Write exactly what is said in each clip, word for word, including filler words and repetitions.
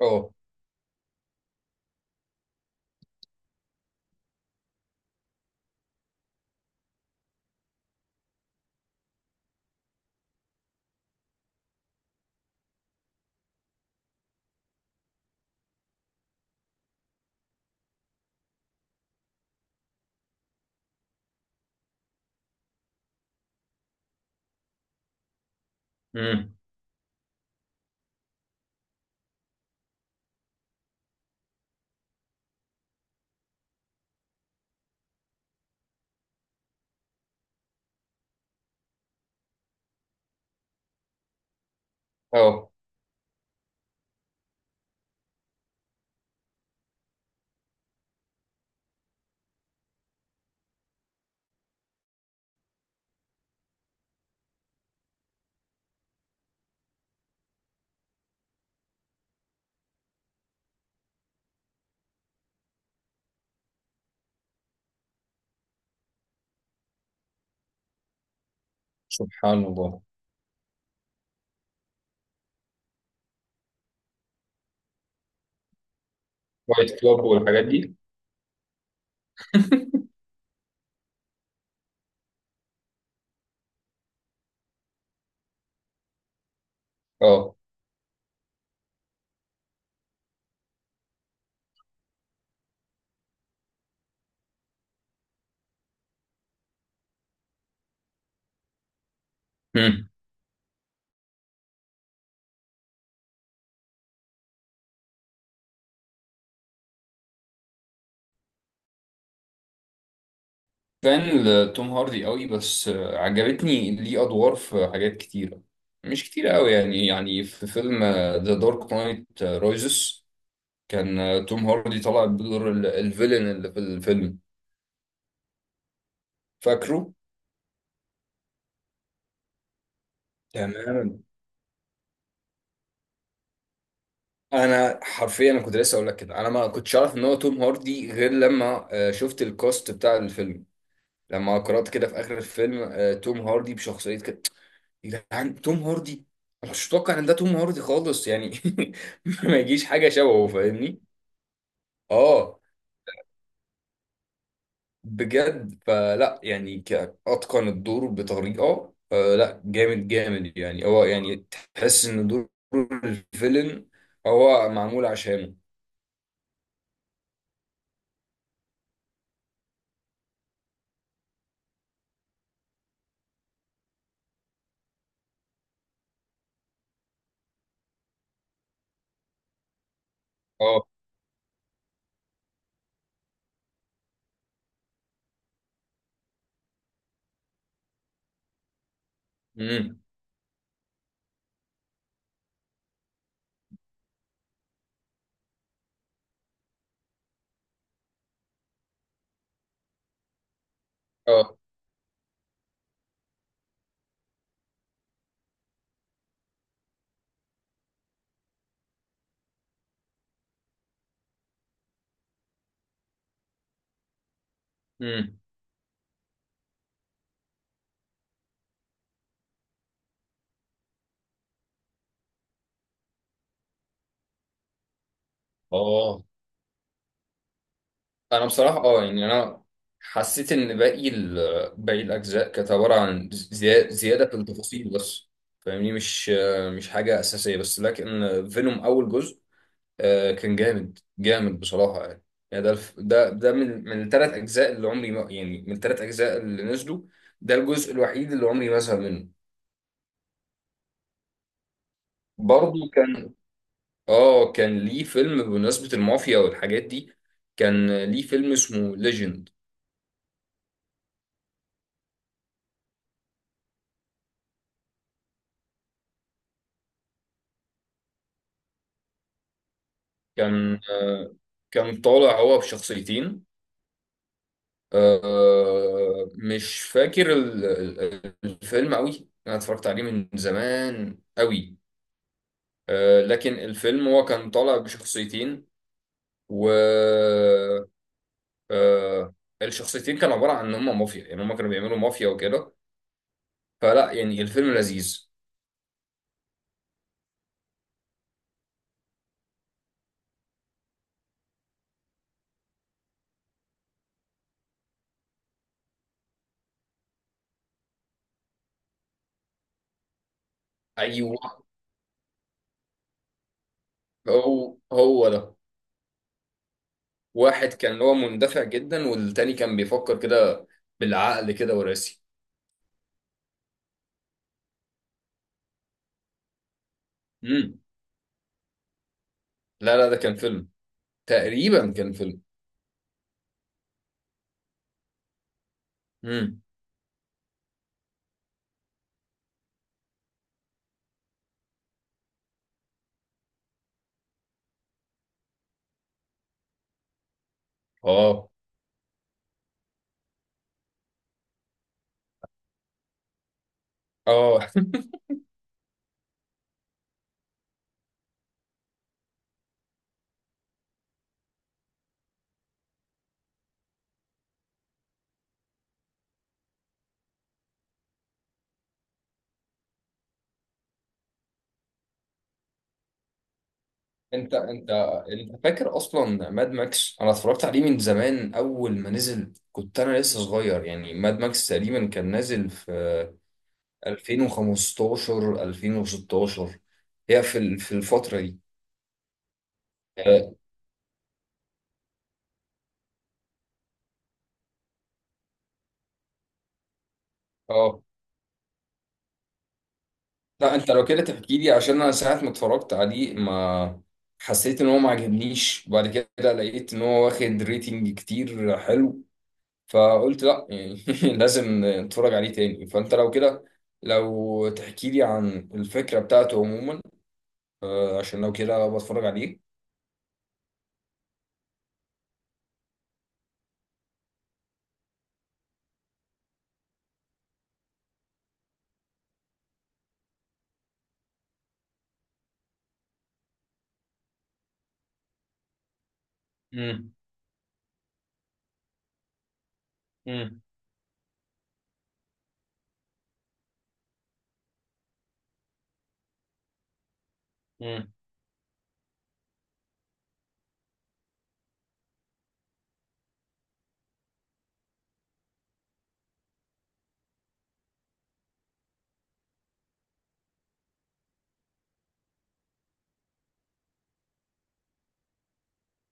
اه. امم. اه. سبحان الله. وايت كلوب والحاجات دي. اه. امم. فان لتوم هاردي قوي، بس آه، عجبتني ليه ادوار في حاجات كتيره. مش كتيره قوي يعني، يعني في فيلم ذا دارك نايت رايزس كان آه، توم هاردي طلع بدور ال- الفيلن اللي في الفيلم. فاكره تماما. انا حرفيا، انا كنت لسه اقول لك كده، انا ما كنتش اعرف ان هو توم هاردي غير لما آه، شفت الكاست بتاع الفيلم، لما قرأت كده في آخر الفيلم آه، توم هاردي بشخصية ده عن توم هاردي. أنا مش متوقع ان ده توم هاردي خالص يعني. ما يجيش حاجه شبهه، فاهمني؟ اه، بجد. فلا يعني، ك- اتقن الدور بطريقه، آه لا جامد جامد يعني، هو يعني تحس ان دور الفيلن هو معمول عشانه. اه. امم. اه. امم. اه. انا بصراحه اه يعني، انا حسيت ان باقي ال- باقي الاجزاء كانت عباره عن زياده، زياده في التفاصيل بس. فاهمني؟ مش، مش حاجه اساسيه بس، لكن فينوم اول جزء آه، كان جامد جامد بصراحه يعني. يعني ده الف- ده ده من من الثلاث اجزاء اللي عمري ما يعني، من الثلاث اجزاء اللي نزلوا، ده الجزء الوحيد اللي عمري ما زهق منه. برضه كان، اه، كان ليه فيلم بمناسبه المافيا والحاجات دي، كان ليه فيلم اسمه ليجند. كان آه، كان طالع هو بشخصيتين. آه، مش فاكر ال- ال- الفيلم قوي، انا اتفرجت عليه من زمان قوي. آه، لكن الفيلم هو كان طالع بشخصيتين، و آه، الشخصيتين كانوا عبارة عن ان هم مافيا، يعني هم كانوا بيعملوا مافيا وكده. فلا يعني الفيلم لذيذ. ايوه، هو هو ده. واحد كان هو مندفع جدا، والتاني كان بيفكر كده بالعقل كده وراسي. امم. لا لا، ده كان فيلم، تقريبا كان فيلم. امم. اه. اه. انت انت انت فاكر اصلا ماد ماكس؟ انا اتفرجت عليه من زمان، اول ما نزل كنت انا لسه صغير يعني. ماد ماكس تقريبا كان نازل في ألفين وخمستاشر ألفين وستة عشر، هي في ال- في الفترة دي. اه. آه. لا، انت لو كده تحكي لي، عشان انا ساعة ما اتفرجت عليه، ما حسيت ان هو، ما عجبنيش. بعد كده لقيت ان هو واخد ريتنج كتير حلو، فقلت لا يعني لازم نتفرج عليه تاني. فانت لو كده، لو تحكي لي عن الفكرة بتاعته عموما آه، عشان لو كده بتفرج عليه. امم. امم. امم.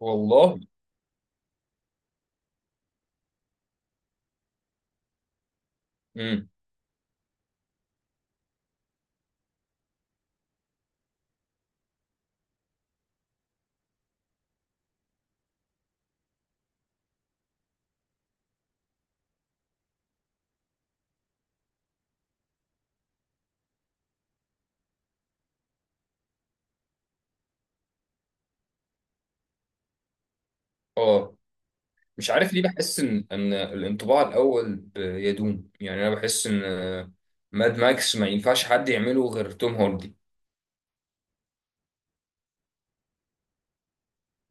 والله. امم. اه. مش عارف ليه بحس ان ان الانطباع الاول ب- يدوم يعني. انا بحس ان آه، ماد ماكس ما ينفعش حد يعمله غير توم هاردي.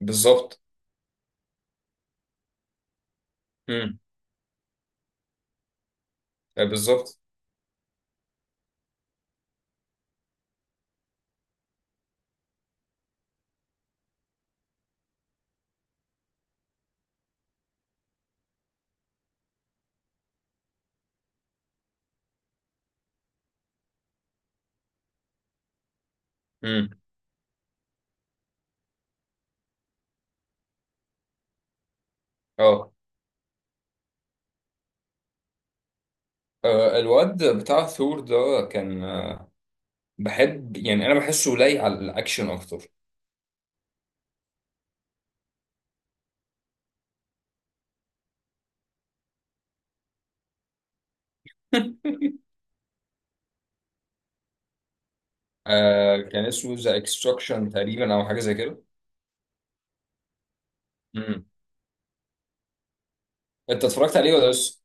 بالظبط. امم. آه، بالظبط. امم. اه. آه، الواد بتاع ثور ده كان، آه، بحب يعني، انا بحسه لايق على الاكشن اكتر. آه، كان اسمه ذا اكستراكشن تقريبا، او حاجه زي كده. امم. انت اتفرجت عليه ولا لسه؟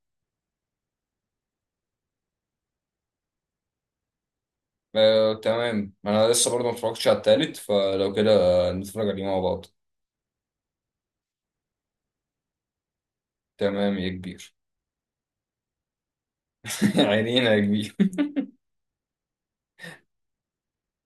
آه تمام، انا لسه برضه ما اتفرجتش على التالت. فلو كده آه، نتفرج عليه مع بعض. تمام يا كبير. عينينا يا كبير.